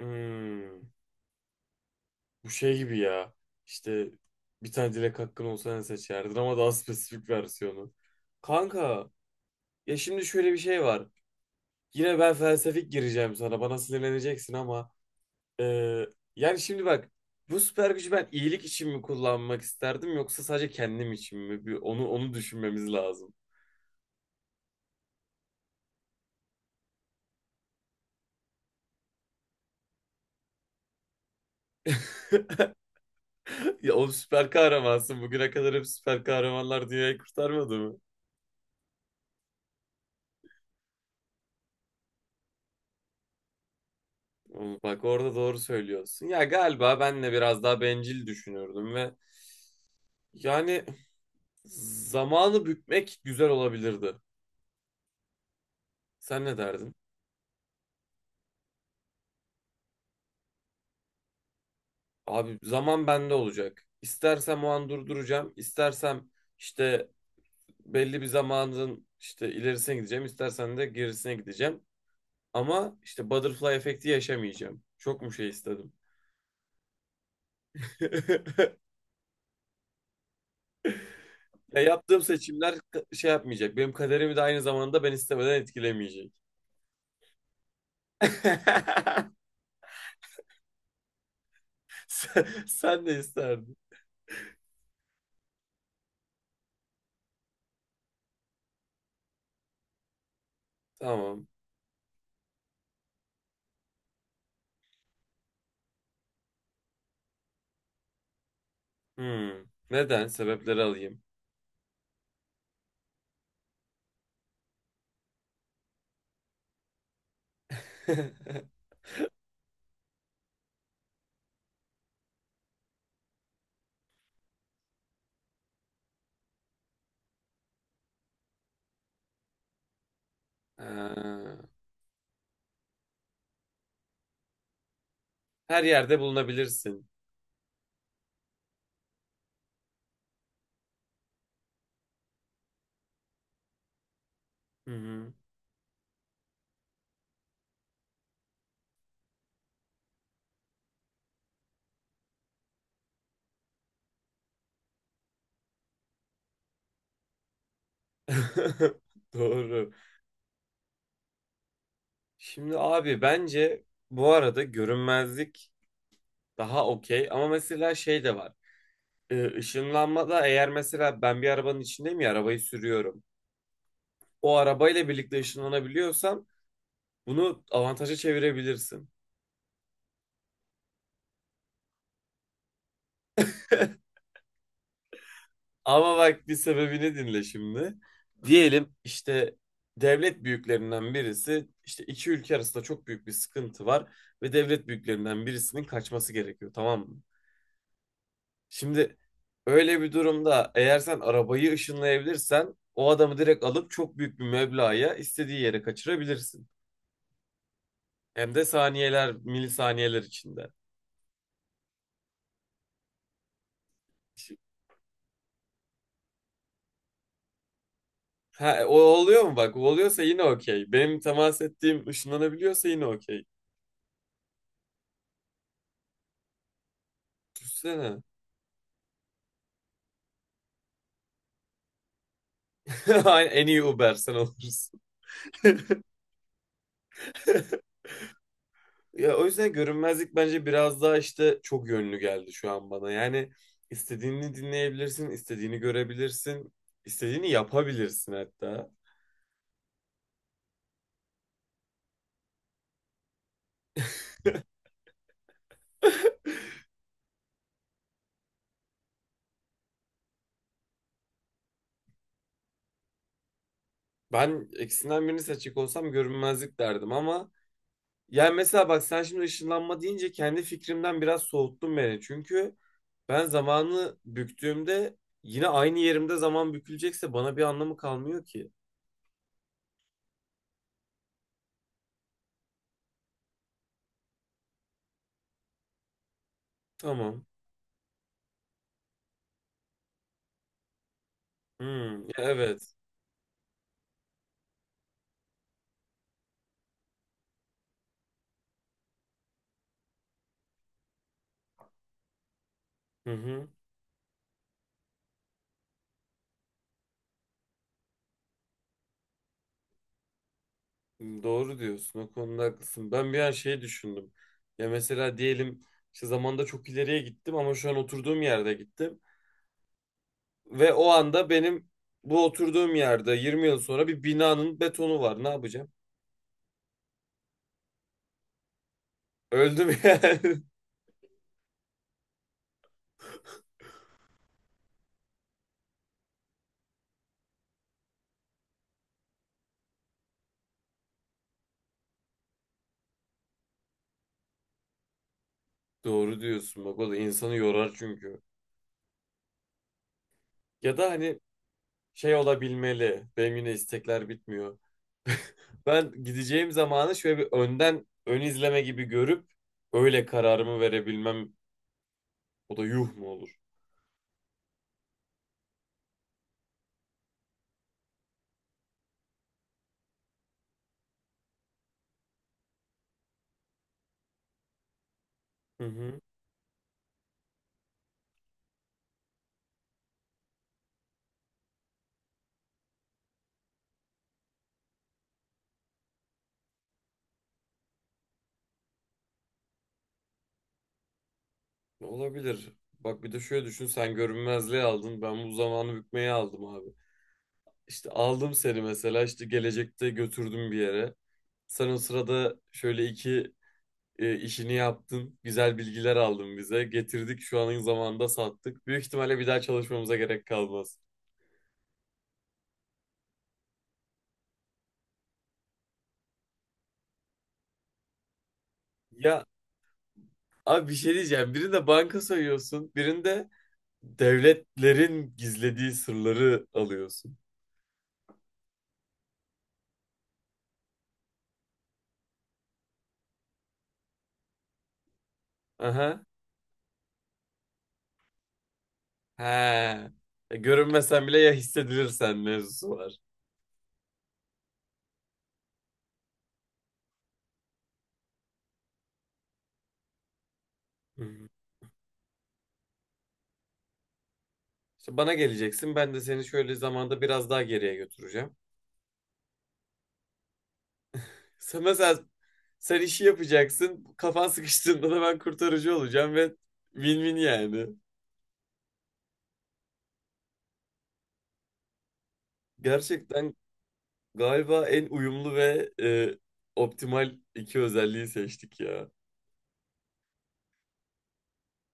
Hmm, bu şey gibi ya. İşte bir tane dilek hakkın olsa ne seçerdin ama daha spesifik versiyonu. Kanka ya şimdi şöyle bir şey var. Yine ben felsefik gireceğim sana. Bana sinirleneceksin ama e, yani şimdi bak bu süper gücü ben iyilik için mi kullanmak isterdim yoksa sadece kendim için mi? Bir onu düşünmemiz lazım. Ya o süper kahramansın. Bugüne kadar hep süper kahramanlar dünyayı kurtarmadı mı? Bak orada doğru söylüyorsun. Ya galiba ben de biraz daha bencil düşünürdüm ve yani zamanı bükmek güzel olabilirdi. Sen ne derdin? Abi zaman bende olacak. İstersem o an durduracağım. İstersem işte belli bir zamanın işte ilerisine gideceğim. İstersen de gerisine gideceğim. Ama işte butterfly efekti yaşamayacağım. Çok mu şey istedim? Ya yaptığım seçimler şey yapmayacak. Benim kaderimi de aynı zamanda ben istemeden etkilemeyecek. Sen ne isterdin? Tamam. Hmm. Neden? Sebepleri alayım. Ee, her yerde bulunabilirsin. Hı hı. Doğru. Şimdi abi bence bu arada görünmezlik daha okey ama mesela şey de var. Işınlanmada eğer mesela ben bir arabanın içindeyim ya arabayı sürüyorum. O arabayla birlikte ışınlanabiliyorsam bunu avantaja çevirebilirsin. Ama bak bir sebebini dinle şimdi. Diyelim işte devlet büyüklerinden birisi işte iki ülke arasında çok büyük bir sıkıntı var ve devlet büyüklerinden birisinin kaçması gerekiyor tamam mı? Şimdi öyle bir durumda eğer sen arabayı ışınlayabilirsen o adamı direkt alıp çok büyük bir meblağa istediği yere kaçırabilirsin. Hem de saniyeler, milisaniyeler içinde. Ha, o oluyor mu bak? O oluyorsa yine okey. Benim temas ettiğim ışınlanabiliyorsa yine okey. Düşünsene. Aynen, en iyi Uber sen olursun. Ya o yüzden görünmezlik bence biraz daha işte çok yönlü geldi şu an bana. Yani istediğini dinleyebilirsin, istediğini görebilirsin, istediğini yapabilirsin hatta. Ben ikisinden birini seçecek olsam görünmezlik derdim ama yani mesela bak sen şimdi ışınlanma deyince kendi fikrimden biraz soğuttun beni. Çünkü ben zamanı büktüğümde yine aynı yerimde zaman bükülecekse bana bir anlamı kalmıyor ki. Tamam. Hmm, ya evet. Hı hı. Doğru diyorsun. O konuda haklısın. Ben bir an şey düşündüm. Ya mesela diyelim işte zamanda çok ileriye gittim ama şu an oturduğum yerde gittim. Ve o anda benim bu oturduğum yerde 20 yıl sonra bir binanın betonu var. Ne yapacağım? Öldüm yani. Doğru diyorsun. Bak o da insanı yorar çünkü. Ya da hani şey olabilmeli. Benim yine istekler bitmiyor. Ben gideceğim zamanı şöyle bir önden ön izleme gibi görüp öyle kararımı verebilmem. O da yuh mu olur? Hı hı. Olabilir. Bak bir de şöyle düşün sen görünmezliği aldın ben bu zamanı bükmeye aldım abi. İşte aldım seni mesela işte gelecekte götürdüm bir yere. Sen o sırada şöyle iki işini yaptın güzel bilgiler aldın bize getirdik şu anın zamanında sattık. Büyük ihtimalle bir daha çalışmamıza gerek kalmaz. Ya abi bir şey diyeceğim birinde banka soyuyorsun birinde devletlerin gizlediği sırları alıyorsun. Aha. He. Ya görünmesen bile ya hissedilirsen mevzusu var. Hı. İşte bana geleceksin. Ben de seni şöyle zamanda biraz daha geriye götüreceğim. Sen mesela sen işi yapacaksın. Kafan sıkıştığında da ben kurtarıcı olacağım ve win-win yani. Gerçekten galiba en uyumlu ve optimal iki özelliği seçtik ya.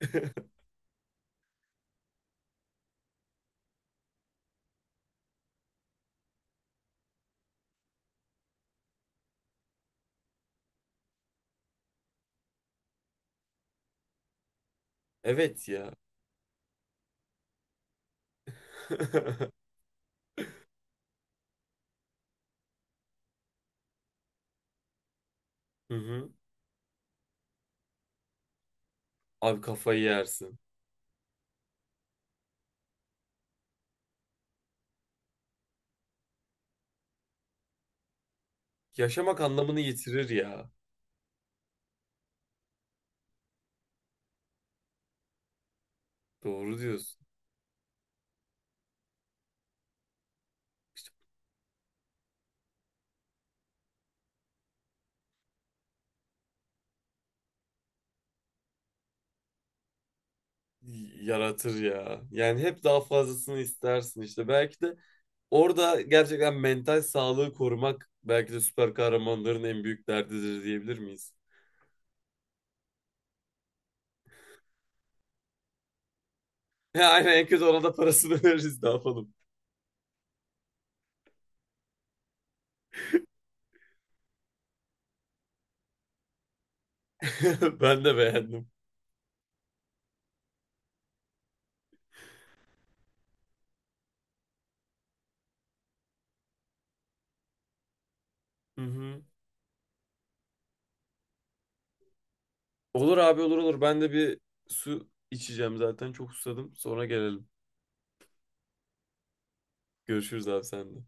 Evet ya. Hı hı. Abi kafayı yersin. Yaşamak anlamını yitirir ya. Doğru diyorsun. Yaratır ya. Yani hep daha fazlasını istersin işte. Belki de orada gerçekten mental sağlığı korumak belki de süper kahramanların en büyük derdidir diyebilir miyiz? Ya aynen en kötü ona da parasını veririz ne yapalım. Ben de beğendim. Hı hı. Olur abi olur. Ben de bir su içeceğim zaten. Çok susadım. Sonra gelelim. Görüşürüz abi sen de.